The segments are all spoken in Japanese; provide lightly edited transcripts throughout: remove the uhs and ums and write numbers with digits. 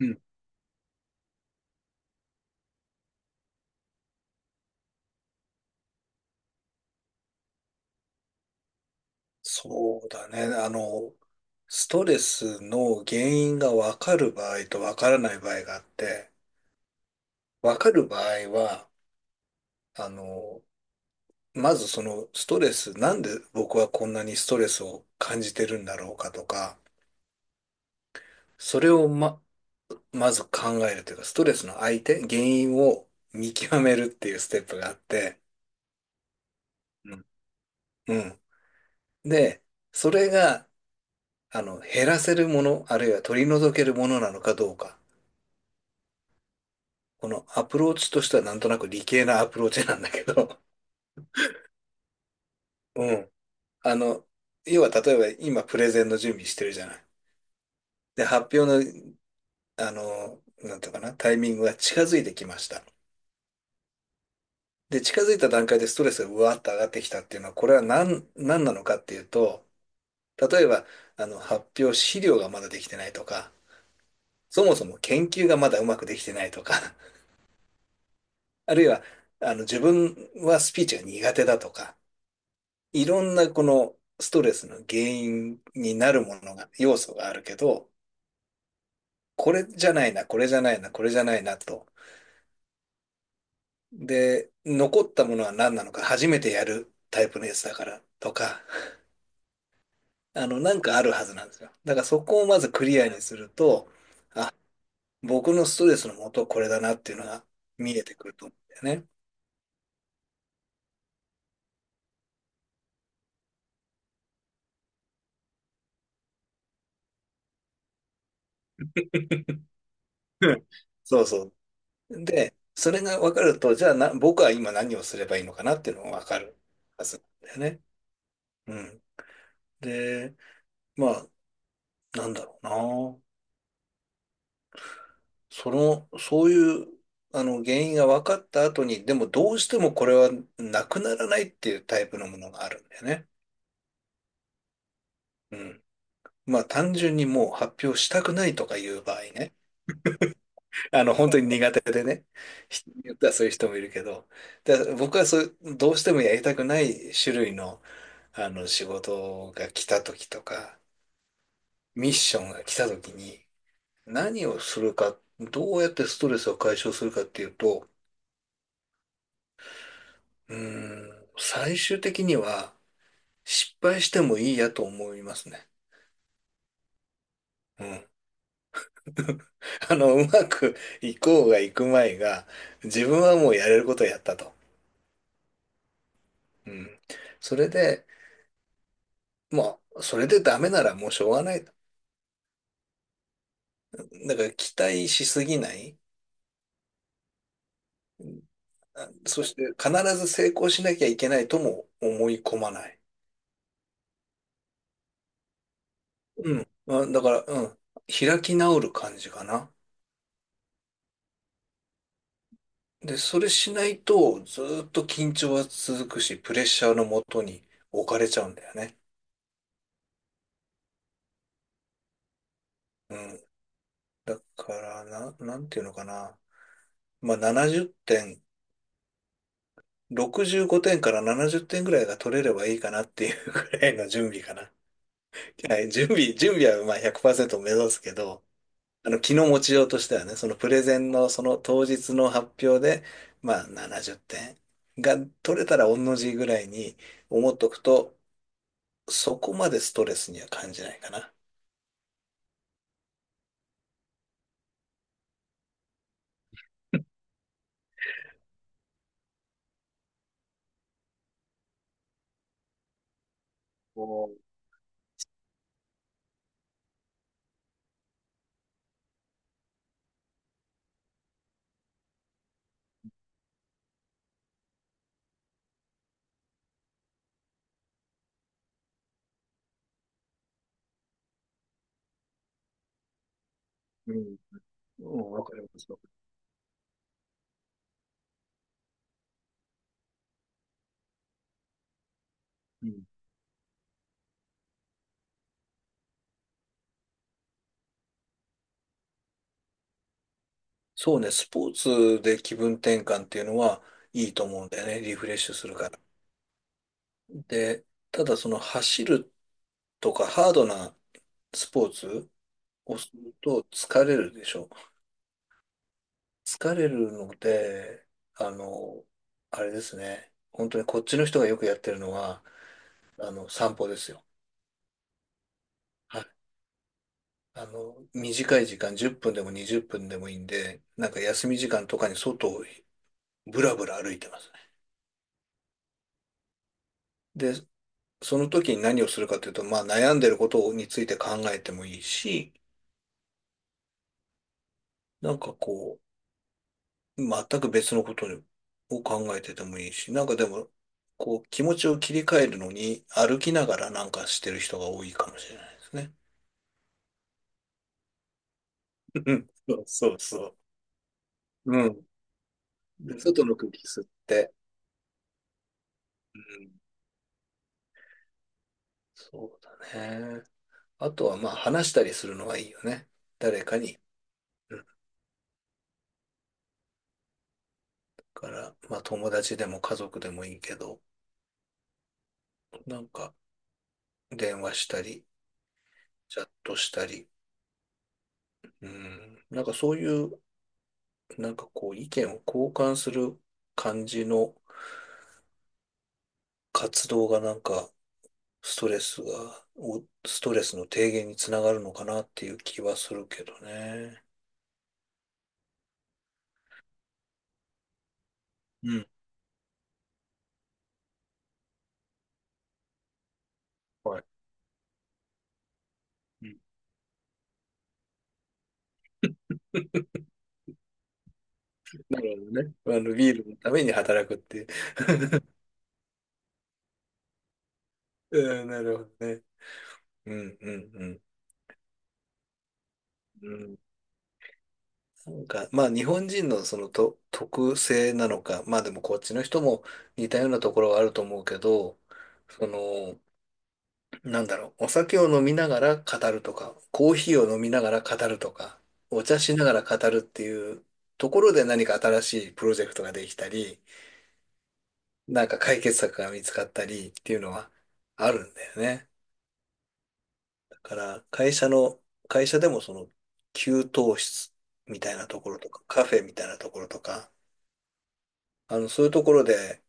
うん、そうだね。ストレスの原因が分かる場合と分からない場合があって、分かる場合は、あの、まずそのストレス、なんで僕はこんなにストレスを感じてるんだろうかとか、それをまず考えるというか、ストレスの相手、原因を見極めるっていうステップがあって、うんうん。で、それが、減らせるもの、あるいは取り除けるものなのかどうか。このアプローチとしてはなんとなく理系なアプローチなんだけど、うん。あの、要は例えば今プレゼンの準備してるじゃない。で、発表の、あの、なんていうかな、タイミングが近づいてきました。で、近づいた段階でストレスがうわーっと上がってきたっていうのは、これは何なのかっていうと、例えば、発表資料がまだできてないとか、そもそも研究がまだうまくできてないとか、あるいは、自分はスピーチが苦手だとか、いろんなこのストレスの原因になるものが、要素があるけど、これじゃないな、これじゃないな、これじゃないなと。で、残ったものは何なのか、初めてやるタイプのやつだからとか、なんかあるはずなんですよ。だからそこをまずクリアにすると、あ、僕のストレスの元はこれだなっていうのが見えてくると思うんだよね。うんそうそう。で、それが分かると、じゃあ、僕は今何をすればいいのかなっていうのが分かるはずなんだよね。うん。で、まあ、なんだろうな。その、そういう、あの、原因が分かった後に、でもどうしてもこれはなくならないっていうタイプのものがあるんだよね。うん。まあ、単純にもう発表したくないとかいう場合ね。本当に苦手でね。人によってはそういう人もいるけど。で、僕はそう、どうしてもやりたくない種類の、仕事が来た時とか、ミッションが来た時に、何をするか、どうやってストレスを解消するかっていうと、最終的には失敗してもいいやと思いますね。うん。うまくいこうがいくまいが、自分はもうやれることをやったと。うん。それで、まあ、それでダメならもうしょうがない。だから期待しすぎない。そして必ず成功しなきゃいけないとも思い込まない。うん。まあだから、うん。開き直る感じかな。で、それしないと、ずーっと緊張は続くし、プレッシャーのもとに置かれちゃうんだよね。うん。だから、なんていうのかな。まあ、70点、65点から70点ぐらいが取れればいいかなっていうぐらいの準備かな。はい、準備はまあ100%目指すけど、気の持ちようとしてはね、そのプレゼンのその当日の発表で、まあ70点が取れたら同じぐらいに思っとくと、そこまでストレスには感じないかな。おうん。うんわかりますよ。うん。そうね、スポーツで気分転換っていうのはいいと思うんだよね、リフレッシュするから。で、ただその走るとかハードなスポーツをすると疲れるでしょ。疲れるので、あの、あれですね、本当にこっちの人がよくやってるのは、散歩ですよ。短い時間、10分でも20分でもいいんで、なんか休み時間とかに外をぶらぶら歩いてますね。で、その時に何をするかというと、まあ悩んでることについて考えてもいいし、なんかこ全く別のことを考えててもいいし、なんかでも、こう、気持ちを切り替えるのに歩きながらなんかしてる人が多いかもしれないですね。うんそうそうそう。うん。で外の空気吸って。うん。そうだね。あとはまあ話したりするのがいいよね。誰かに。うんだから、まあ友達でも家族でもいいけど、なんか電話したり、チャットしたり、うん、なんかそういう、なんかこう意見を交換する感じの活動がなんかストレスが、おストレスの低減につながるのかなっていう気はするけどね。うん。はいうん。なるほどね。ビールのために働くっていう。うん、なるほどね。うん、うん、うん。うんなんか、まあ日本人のそのと特性なのか、まあでもこっちの人も似たようなところはあると思うけど、その、お酒を飲みながら語るとか、コーヒーを飲みながら語るとか、お茶しながら語るっていうところで何か新しいプロジェクトができたり、なんか解決策が見つかったりっていうのはあるんだよね。だから会社でもその給湯室みたいなところとか、カフェみたいなところとか、そういうところで、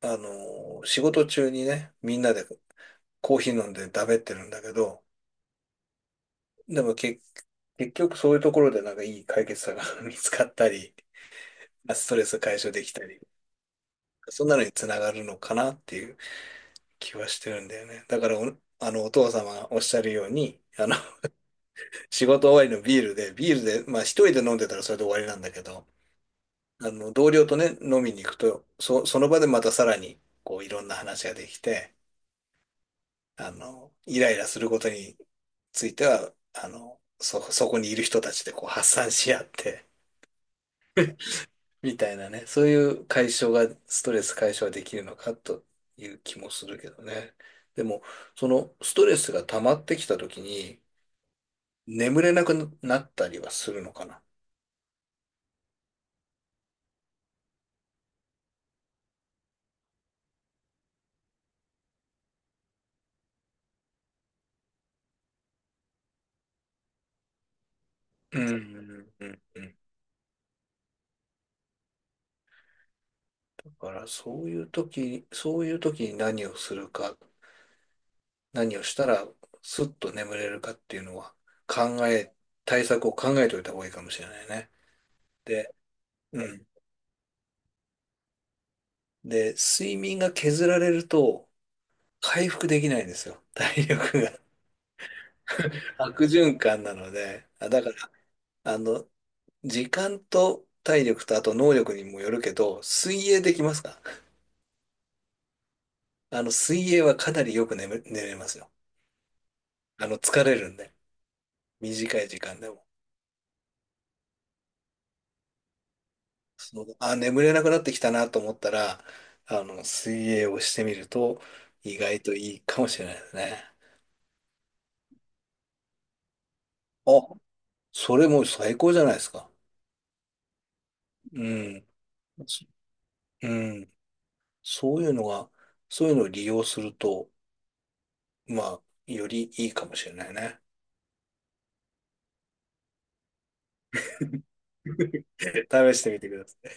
仕事中にね、みんなでコーヒー飲んでだべってるんだけど、でも結局そういうところでなんかいい解決策が 見つかったり、ストレス解消できたり、そんなのにつながるのかなっていう気はしてるんだよね。だからお、あの、お父様がおっしゃるように、仕事終わりのビールで、まあ一人で飲んでたらそれで終わりなんだけど、同僚とね、飲みに行くと、その場でまたさらに、こう、いろんな話ができて、イライラすることについては、そこにいる人たちでこう発散し合って、みたいなね、そういう解消が、ストレス解消できるのかという気もするけどね。でも、そのストレスが溜まってきた時に、眠れなくなったりはするのかな。うん、うん、うん。うんだから、そういう時に何をするか、何をしたらスッと眠れるかっていうのは考え、対策を考えておいた方がいいかもしれないね。で、うん。で、睡眠が削られると回復できないんですよ。体力が 悪循環なので。だから、あの、時間と体力とあと能力にもよるけど、水泳できますか。水泳はかなりよく寝れますよ。疲れるんで。短い時間でも。眠れなくなってきたなと思ったら、水泳をしてみると意外といいかもしれないですね。あ、それもう最高じゃないですか。うん。そうん。そういうのが、そういうのを利用すると、まあ、よりいいかもしれないね。試してみてください。